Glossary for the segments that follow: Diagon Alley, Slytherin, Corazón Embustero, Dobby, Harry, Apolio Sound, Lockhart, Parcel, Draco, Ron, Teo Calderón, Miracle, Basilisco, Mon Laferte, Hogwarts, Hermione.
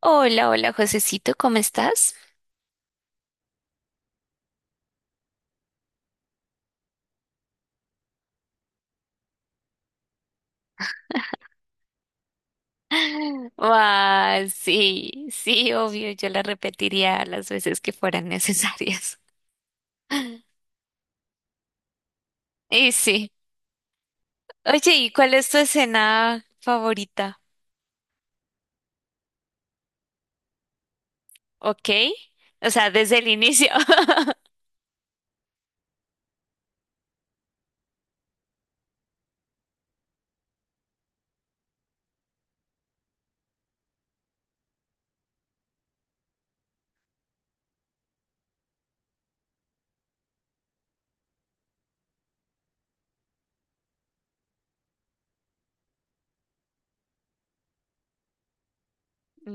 Hola, hola, Josecito, ¿cómo estás? Ah, sí, sí, obvio, yo la repetiría las veces que fueran necesarias. Y sí. Oye, ¿y cuál es tu escena favorita? ¿Ok? O sea, desde el inicio.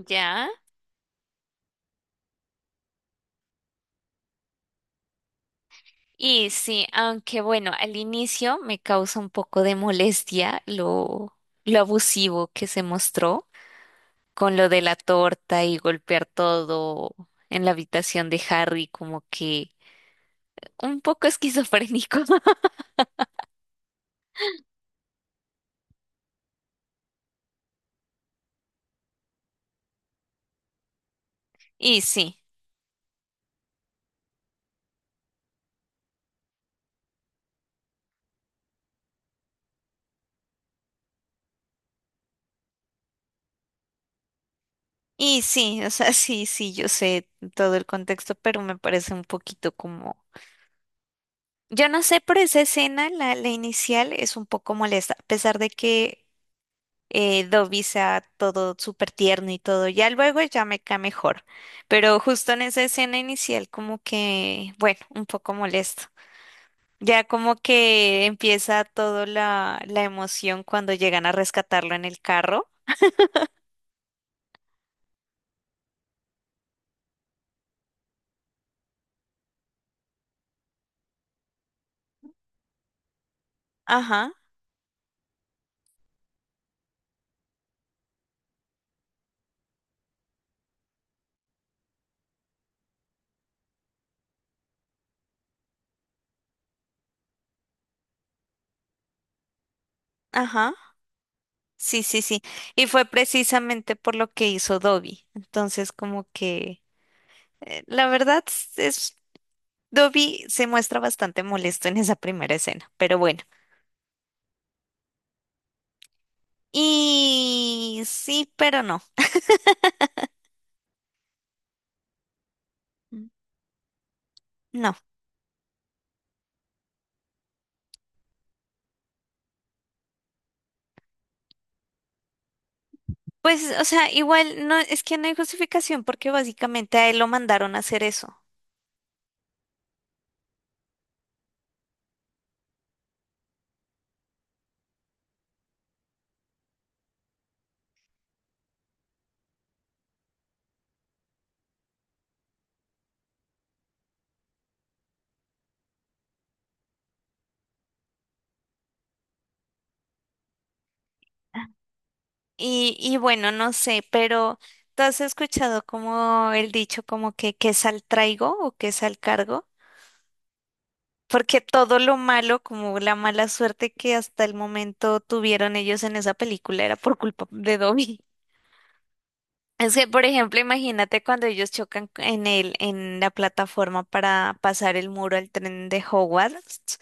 Ya. Y sí, aunque bueno, al inicio me causa un poco de molestia lo abusivo que se mostró. Con lo de la torta y golpear todo en la habitación de Harry, como que un poco esquizofrénico. Y sí, y sí, o sea, sí, sí, yo sé todo el contexto, pero me parece un poquito como... Yo no sé, pero esa escena, la inicial, es un poco molesta, a pesar de que Dobby sea todo súper tierno y todo, ya luego ya me cae mejor, pero justo en esa escena inicial como que, bueno, un poco molesto. Ya como que empieza toda la emoción cuando llegan a rescatarlo en el carro. Ajá, ajá. Sí, sí, sí. Y fue precisamente por lo que hizo Dobby. Entonces, como que la verdad es Dobby se muestra bastante molesto en esa primera escena, pero bueno. Y sí, pero no. Mm, no. Pues, o sea, igual no, es que no hay justificación porque básicamente a él lo mandaron a hacer eso. Y bueno, no sé, pero ¿tú has escuchado como el dicho como que qué sal traigo o qué sal cargo? Porque todo lo malo, como la mala suerte que hasta el momento tuvieron ellos en esa película era por culpa de Dobby. Es que, por ejemplo, imagínate cuando ellos chocan en la plataforma para pasar el muro al tren de Hogwarts,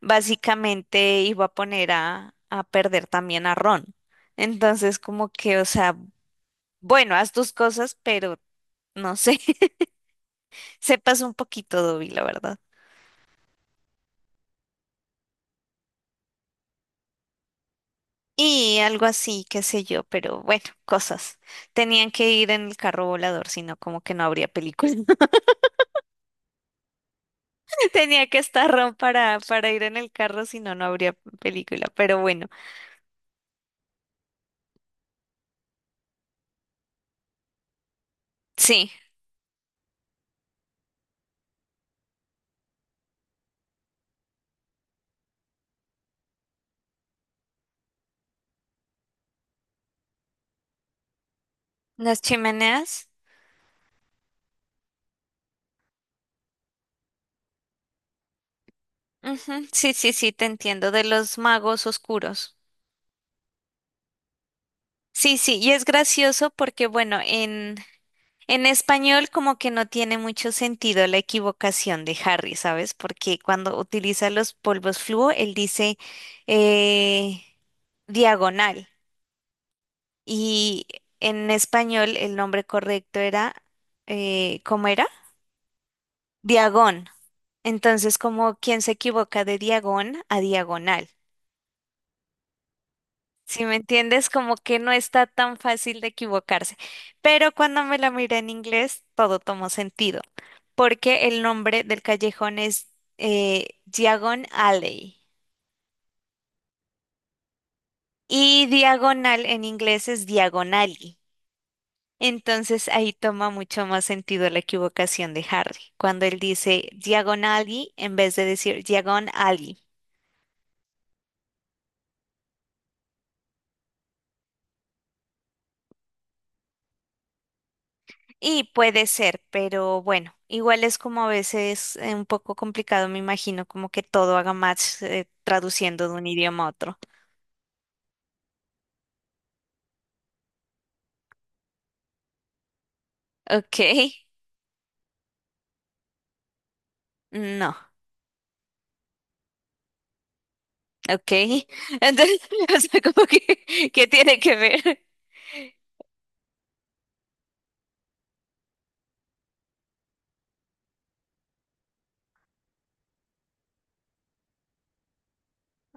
básicamente iba a poner a perder también a Ron. Entonces, como que, o sea, bueno, haz tus cosas, pero no sé, se pasó un poquito Dobby, la verdad. Y algo así, qué sé yo, pero bueno, cosas. Tenían que ir en el carro volador, si no, como que no habría película. Tenía que estar Ron para ir en el carro, si no, no habría película. Pero bueno, sí, las chimeneas. Ujú, sí, sí, sí, te entiendo, de los magos oscuros. Sí, sí, y es gracioso porque, bueno, en español como que no tiene mucho sentido la equivocación de Harry, ¿sabes? Porque cuando utiliza los polvos fluo, él dice eh, diagonal. Y en español el nombre correcto era, ¿cómo era? Diagón. Entonces, como quien se equivoca de diagón a diagonal. Si me entiendes, como que no está tan fácil de equivocarse. Pero cuando me la miré en inglés, todo tomó sentido, porque el nombre del callejón es Diagon Alley y diagonal en inglés es diagonally. Entonces ahí toma mucho más sentido la equivocación de Harry, cuando él dice diagonally en vez de decir diagon alley. Y puede ser, pero bueno, igual es como a veces un poco complicado, me imagino, como que todo haga match traduciendo de un idioma a otro. Ok, no, ok. Entonces, o sea, como que, ¿qué tiene que ver?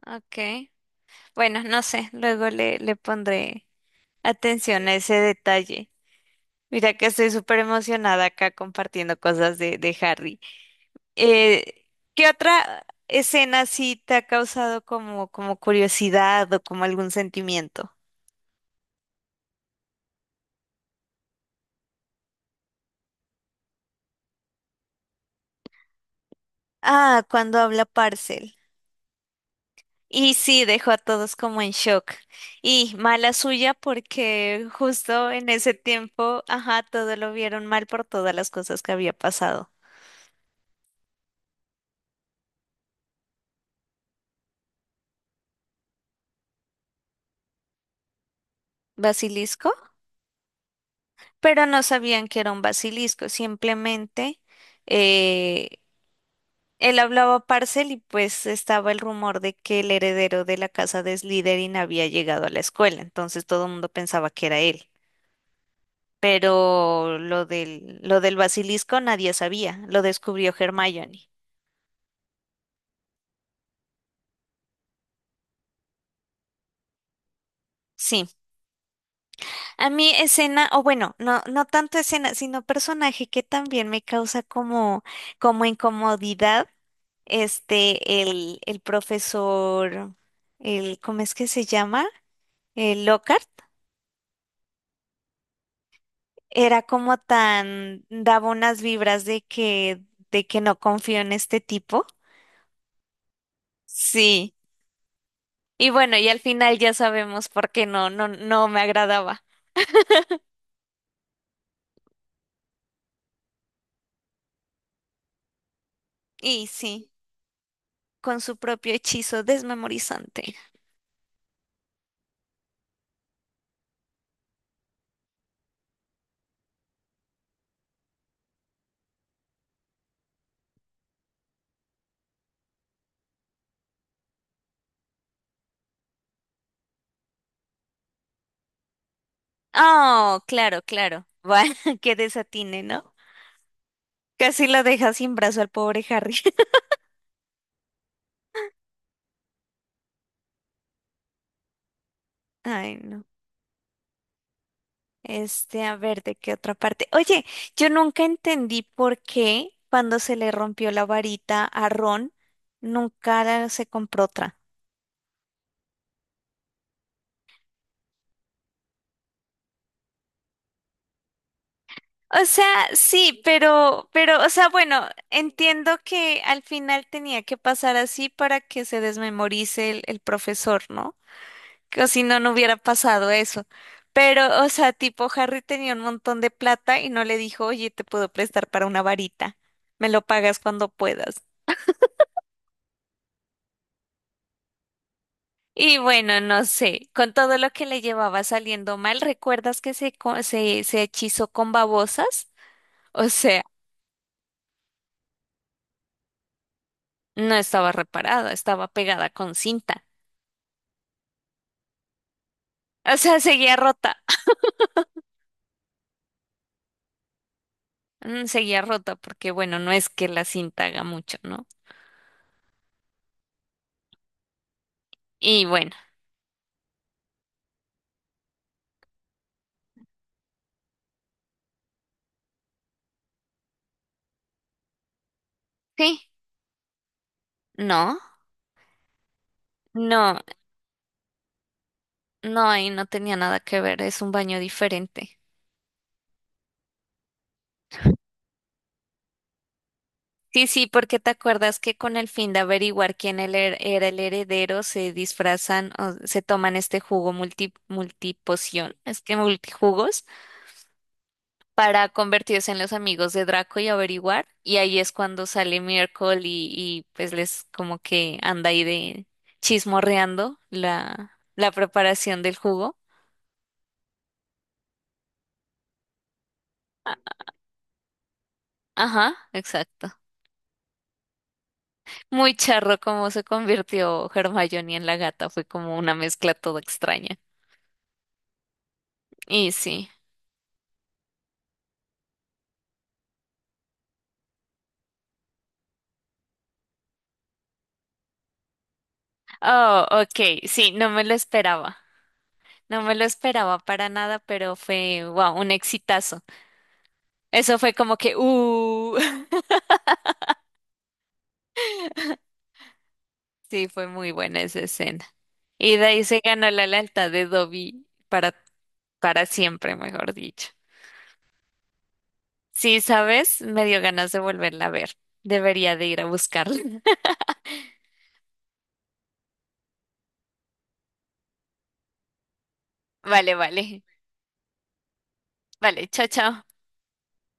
Ok, bueno, no sé, luego le pondré atención a ese detalle. Mira que estoy súper emocionada acá compartiendo cosas de Harry. Eh, ¿qué otra escena sí te ha causado como, curiosidad o como algún sentimiento? Ah, cuando habla Parcel. Y sí, dejó a todos como en shock. Y mala suya porque justo en ese tiempo, ajá, todo lo vieron mal por todas las cosas que había pasado. ¿Basilisco? Pero no sabían que era un basilisco, simplemente eh, él hablaba Parcel y pues estaba el rumor de que el heredero de la casa de Slytherin había llegado a la escuela, entonces todo el mundo pensaba que era él. Pero lo del basilisco nadie sabía, lo descubrió Hermione. Sí, a mí escena, o bueno, no, no tanto escena, sino personaje que también me causa como incomodidad, este, el profesor, el, ¿cómo es que se llama? El Lockhart. Era como tan, daba unas vibras de que no confío en este tipo. Sí. Y bueno, y al final ya sabemos por qué no me agradaba. Y sí, con su propio hechizo desmemorizante. Oh, claro, claro. Va, que desatine, ¿no? Casi lo deja sin brazo al pobre Harry. Ay, no. Este, a ver, ¿de qué otra parte? Oye, yo nunca entendí por qué cuando se le rompió la varita a Ron, nunca se compró otra. O sea, sí, pero, o sea, bueno, entiendo que al final tenía que pasar así para que se desmemorice el profesor, ¿no? Que si no, no hubiera pasado eso. Pero, o sea, tipo, Harry tenía un montón de plata y no le dijo, oye, te puedo prestar para una varita. Me lo pagas cuando puedas. Y bueno, no sé, con todo lo que le llevaba saliendo mal, ¿recuerdas que se hechizó con babosas? O sea, no estaba reparada, estaba pegada con cinta. O sea, seguía rota porque bueno, no es que la cinta haga mucho, ¿no? Y bueno, sí, no, no, no, ahí no tenía nada que ver, es un baño diferente. Sí, sí, porque te acuerdas que con el fin de averiguar quién era el heredero se disfrazan o se toman este jugo multipoción, es que multijugos, para convertirse en los amigos de Draco y averiguar. Y ahí es cuando sale Miracle y pues les como que anda ahí de chismorreando la preparación del jugo. Ajá, exacto. Muy charro como se convirtió Hermione en la gata, fue como una mezcla toda extraña. Y sí. Oh, ok, sí, no me lo esperaba. No me lo esperaba para nada, pero fue, wow, un exitazo. Eso fue como que, sí, fue muy buena esa escena. Y de ahí se ganó la lealtad de Dobby para siempre, mejor dicho. Sí, ¿sabes? Me dio ganas de volverla a ver. Debería de ir a buscarla. Vale, vale. Vale, chao, chao.